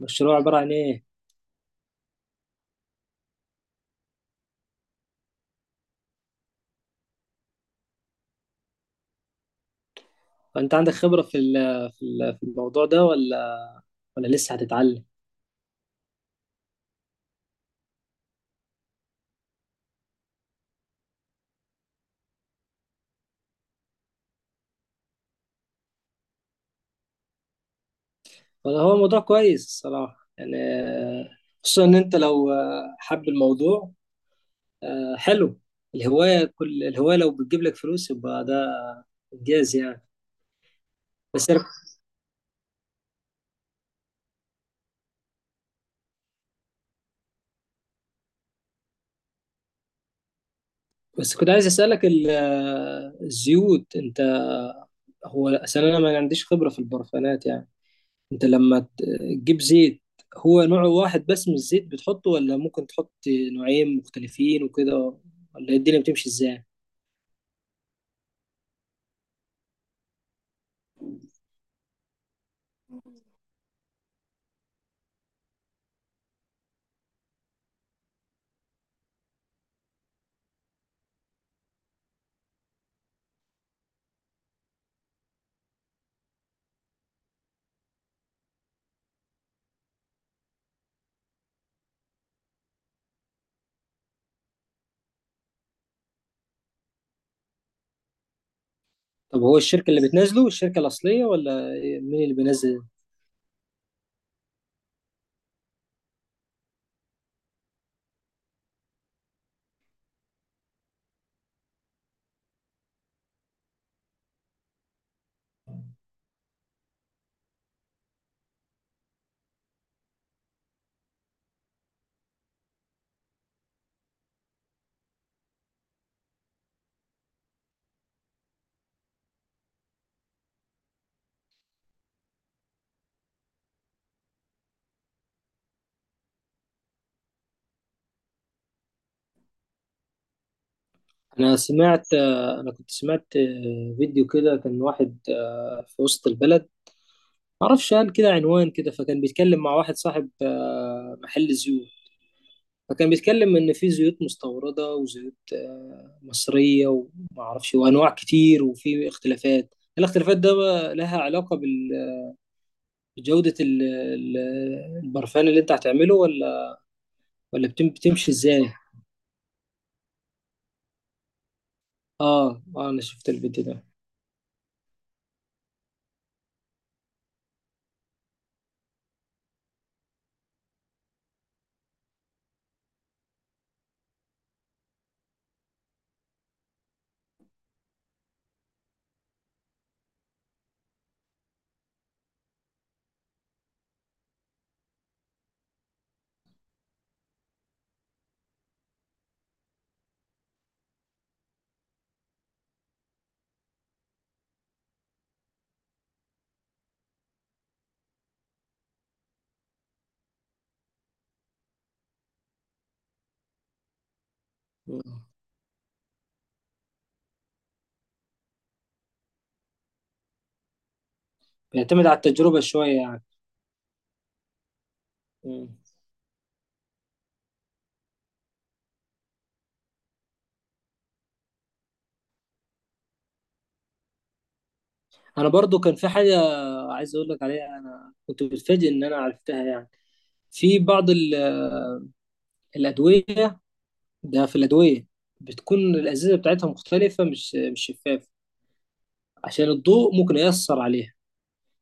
مشروع عبارة عن إيه؟ فأنت عندك خبرة في الموضوع ده ولا لسه هتتعلم؟ ولا هو موضوع كويس الصراحة يعني خصوصا إن أنت لو حب الموضوع، حلو. الهواية، كل الهواية، لو بتجيب لك فلوس يبقى ده إنجاز يعني. بس أنا- بس كنت عايز أسألك الزيوت، هو أصل أنا ما عنديش خبرة في البرفانات يعني. انت لما تجيب زيت، هو نوع واحد بس من الزيت بتحطه، ولا ممكن تحط نوعين مختلفين وكده، ولا الدنيا بتمشي ازاي؟ طب هو الشركة اللي بتنزله الشركة الأصلية، ولا؟ مين اللي بينزل؟ أنا سمعت أنا كنت سمعت فيديو كده كان واحد في وسط البلد، معرفش قال كده عنوان كده، فكان بيتكلم مع واحد صاحب محل زيوت. فكان بيتكلم ان في زيوت مستورده وزيوت مصريه، وما اعرفش، وانواع كتير، وفي الاختلافات ده بقى لها علاقه بجوده البرفان اللي انت هتعمله، ولا ولا بتمشي ازاي؟ اه اه، انا شفت الفيديو ده. مم. بيعتمد على التجربه شويه يعني. مم. انا برضو كان في حاجه عايز اقول لك عليها. انا كنت متفاجئ ان انا عرفتها يعني. في بعض الادويه، ده في الأدوية بتكون الأزازة بتاعتها مختلفة، مش شفافة، عشان الضوء ممكن يأثر عليها.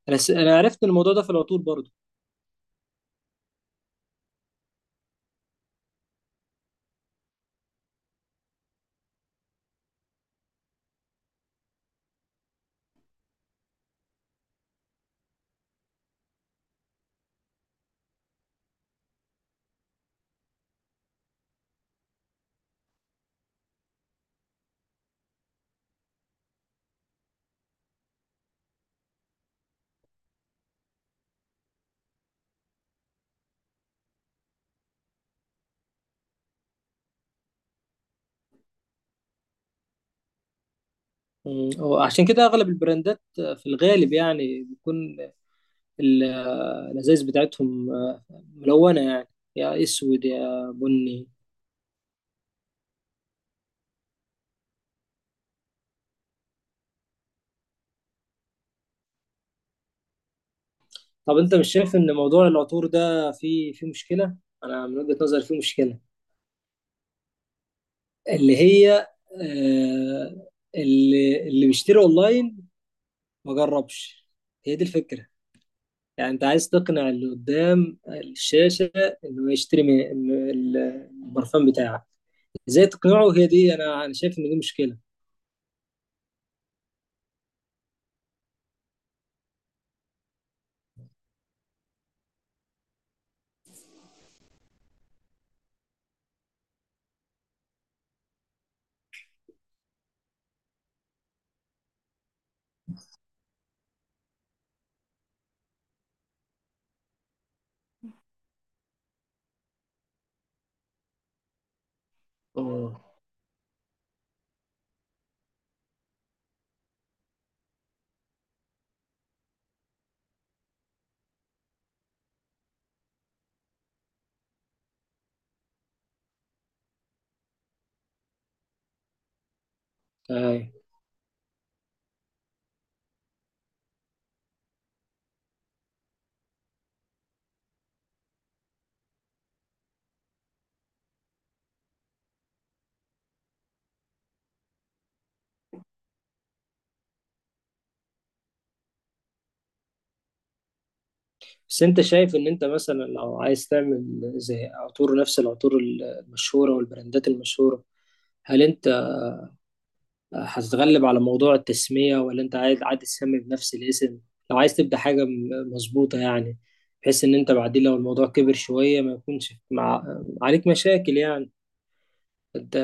أنا عرفت إن الموضوع ده في العطور برضه. مم. هو عشان كده أغلب البراندات في الغالب يعني بيكون ال- الأزايز بتاعتهم ملونة يعني، يا أسود يا بني. طب أنت مش شايف إن موضوع العطور ده فيه مشكلة؟ أنا من وجهة نظري فيه مشكلة، اللي هي آه، اللي بيشتري أونلاين ما جربش. هي دي الفكرة، يعني انت عايز تقنع اللي قدام الشاشة انه يشتري من البرفان بتاعك، ازاي تقنعه؟ هي دي، انا شايف ان دي مشكلة. اه. أي. بس انت شايف ان انت مثلا لو عايز تعمل زي عطور، نفس العطور المشهورة والبراندات المشهورة، هل انت هتتغلب على موضوع التسمية، ولا انت عايز عادي تسمي بنفس الاسم؟ لو عايز تبدأ حاجة مظبوطة يعني، بحيث ان انت بعدين لو الموضوع كبر شوية ما يكونش عليك مشاكل يعني. انت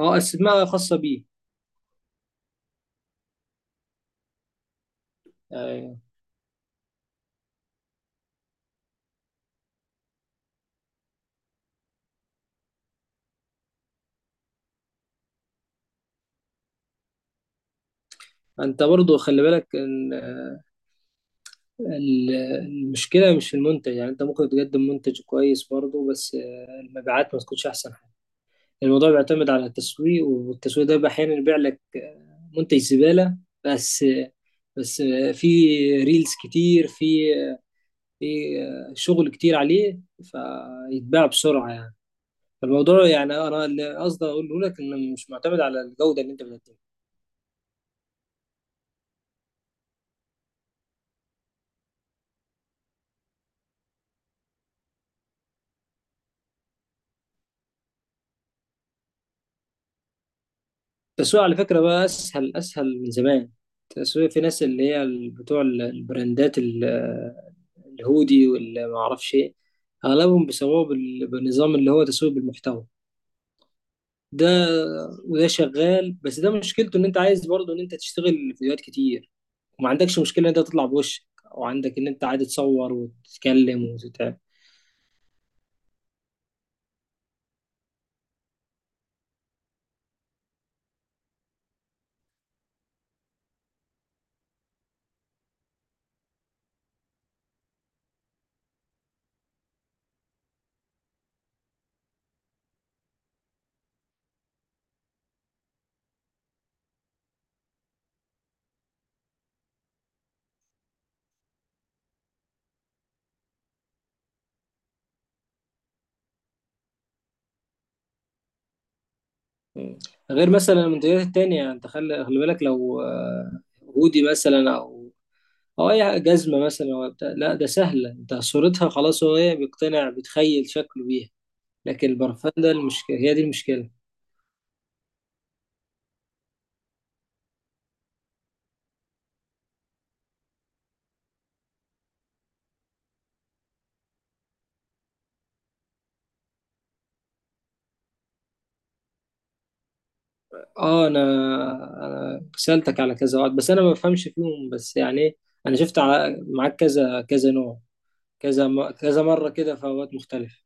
اه، اسماء خاصة بيه. يعني انت برضو خلي بالك ان ال- المشكلة مش في المنتج، يعني انت ممكن تقدم منتج كويس برضو، بس المبيعات ما تكونش احسن حاجة. الموضوع بيعتمد على التسويق، والتسويق ده احيانا يبيع لك منتج زبالة. بس آه، بس في ريلز كتير، في شغل كتير عليه فيتباع بسرعة يعني. فالموضوع يعني، انا اللي قصدي اقوله لك انه مش معتمد على الجودة اللي انت بتقدمها. التسويق على فكرة بقى أسهل أسهل من زمان. التسويق، في ناس اللي هي بتوع البراندات الهودي واللي ما أعرفش إيه، أغلبهم بيسووه بالنظام اللي هو تسويق بالمحتوى. ده وده شغال، بس ده مشكلته إن أنت عايز برضه إن أنت تشتغل فيديوهات كتير، وما عندكش مشكلة إن أنت تطلع بوشك، وعندك إن أنت عادي تصور وتتكلم وتتعب. مم. غير مثلا المنتجات التانية، انت خلي خلي بالك، لو هودي مثلا، او اي جزمة مثلا ولا بتاع، لا ده سهلة، انت صورتها خلاص، هو هي بيقتنع، بيتخيل شكله بيها. لكن البرفان ده المشكلة، هي دي المشكلة. اه. انا سألتك على كذا واحد، بس انا ما بفهمش فيهم، بس يعني إيه، انا شفت معاك كذا كذا نوع، كذا كذا مرة كده في اوقات مختلفة.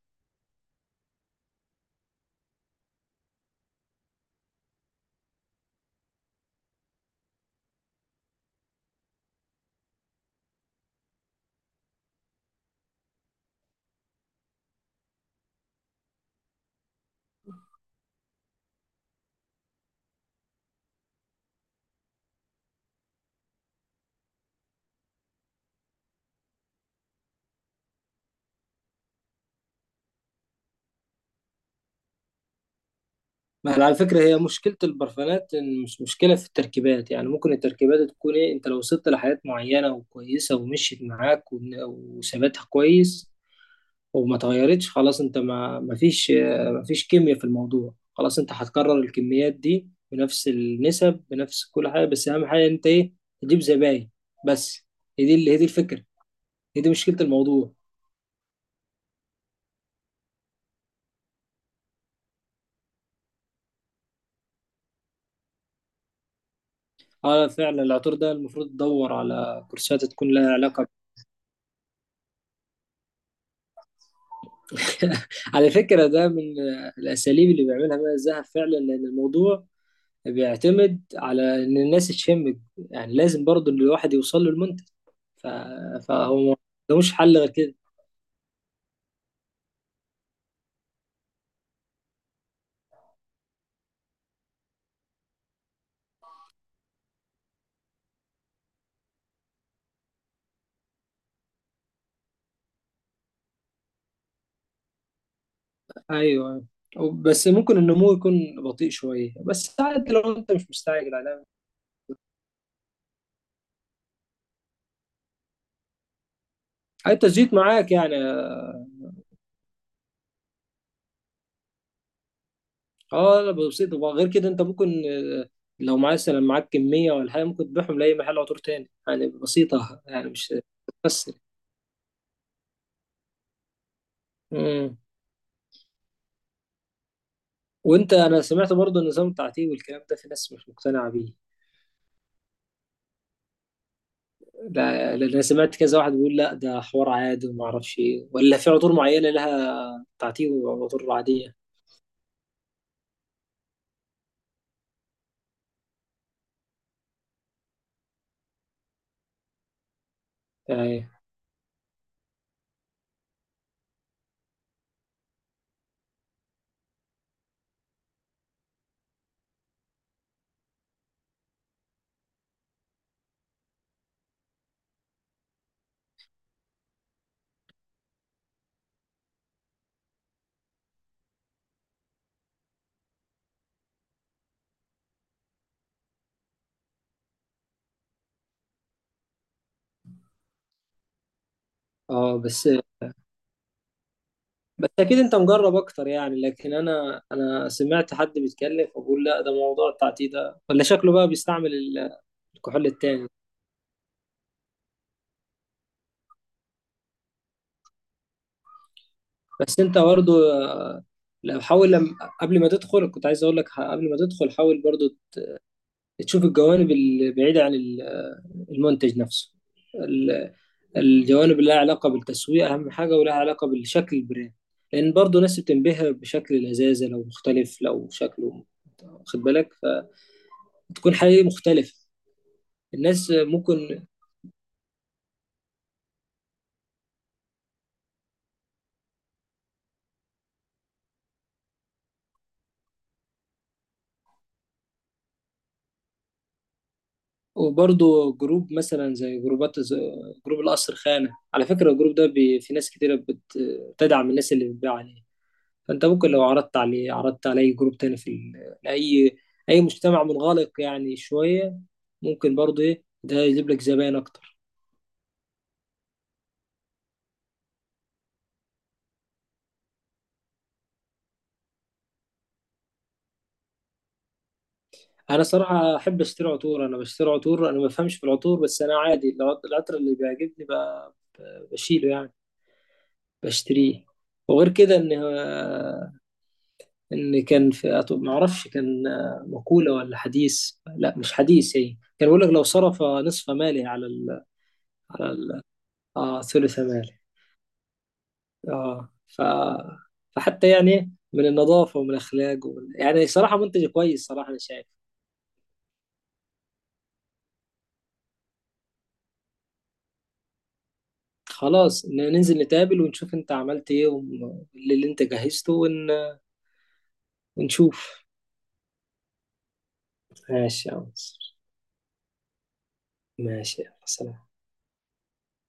ما هي على فكرة، هي مشكلة البرفانات، إن مش مشكلة في التركيبات، يعني ممكن التركيبات تكون إيه، أنت لو وصلت لحاجات معينة وكويسة ومشيت معاك، وثباتها كويس وما اتغيرتش، خلاص، أنت ما فيش كيمياء في الموضوع. خلاص أنت هتكرر الكميات دي بنفس النسب، بنفس كل حاجة، بس أهم حاجة أنت إيه، تجيب زباين بس. هي دي الفكرة، هي دي مشكلة الموضوع. اه فعلا، العطور ده المفروض تدور على كورسات تكون لها علاقة. على فكرة ده من الأساليب اللي بيعملها ماء الذهب فعلا، لأن الموضوع بيعتمد على إن الناس تشمك، يعني لازم برضو إن الواحد يوصل له المنتج. ف... فهو ما ملوش حل غير كده. أيوه. بس ممكن النمو يكون بطيء شوية، بس عادي لو أنت مش مستعجل على. حتى الزيت معاك يعني. اه، لا بسيط، وغير كده انت ممكن، لو معاك كمية ولا حاجة، ممكن تبيعهم لأي محل عطور تاني يعني، بسيطة يعني، مش بس. انا سمعت برضه النظام التعتيم والكلام ده، في ناس مش مقتنعه بيه. لا، لأن انا سمعت كذا واحد بيقول لا ده حوار عادي وما اعرفش ايه، ولا في عطور معينه لها تعتيم وعطور عاديه، يعني. اه. بس بس اكيد انت مجرب اكتر يعني، لكن انا سمعت حد بيتكلم فبقول لا ده موضوع التعتيم ده، ولا شكله بقى بيستعمل الكحول التاني. بس انت برضه، آه، لو حاول لم... قبل ما تدخل كنت عايز اقول لك، قبل ما تدخل حاول برضه تشوف الجوانب البعيده عن المنتج نفسه، ال- الجوانب اللي لها علاقة بالتسويق أهم حاجة، ولها علاقة بالشكل، البراند، لأن برضه ناس بتنبهر بشكل الإزازة لو مختلف، لو شكله، واخد بالك، فتكون حقيقي مختلفة. الناس ممكن. وبرضه جروب، مثلا زي جروبات زي جروب القصر خانة، على فكرة الجروب ده في ناس كتيرة بتدعم الناس اللي بتبيع عليه. فانت ممكن لو عرضت على اي جروب تاني، في ال- لاي اي مجتمع منغلق يعني شويه، ممكن برضه ايه ده يجيب لك زباين اكتر. انا صراحه احب اشتري عطور، انا بشتري عطور، انا ما بفهمش في العطور، بس انا عادي العطر اللي بيعجبني بشيله يعني، بشتريه. وغير كده، ان كان في ما اعرفش، كان مقوله ولا حديث، لا مش حديث، هي كان بيقول لك لو صرف نصف ماله على على ال... آه ثلث ماله، اه. فحتى يعني من النظافة ومن الأخلاق يعني صراحة منتج كويس، صراحة أنا شايف. خلاص، ننزل نتقابل ونشوف أنت عملت إيه واللي أنت جهزته، ونشوف. ماشي يا مصر. ماشي يا سلام.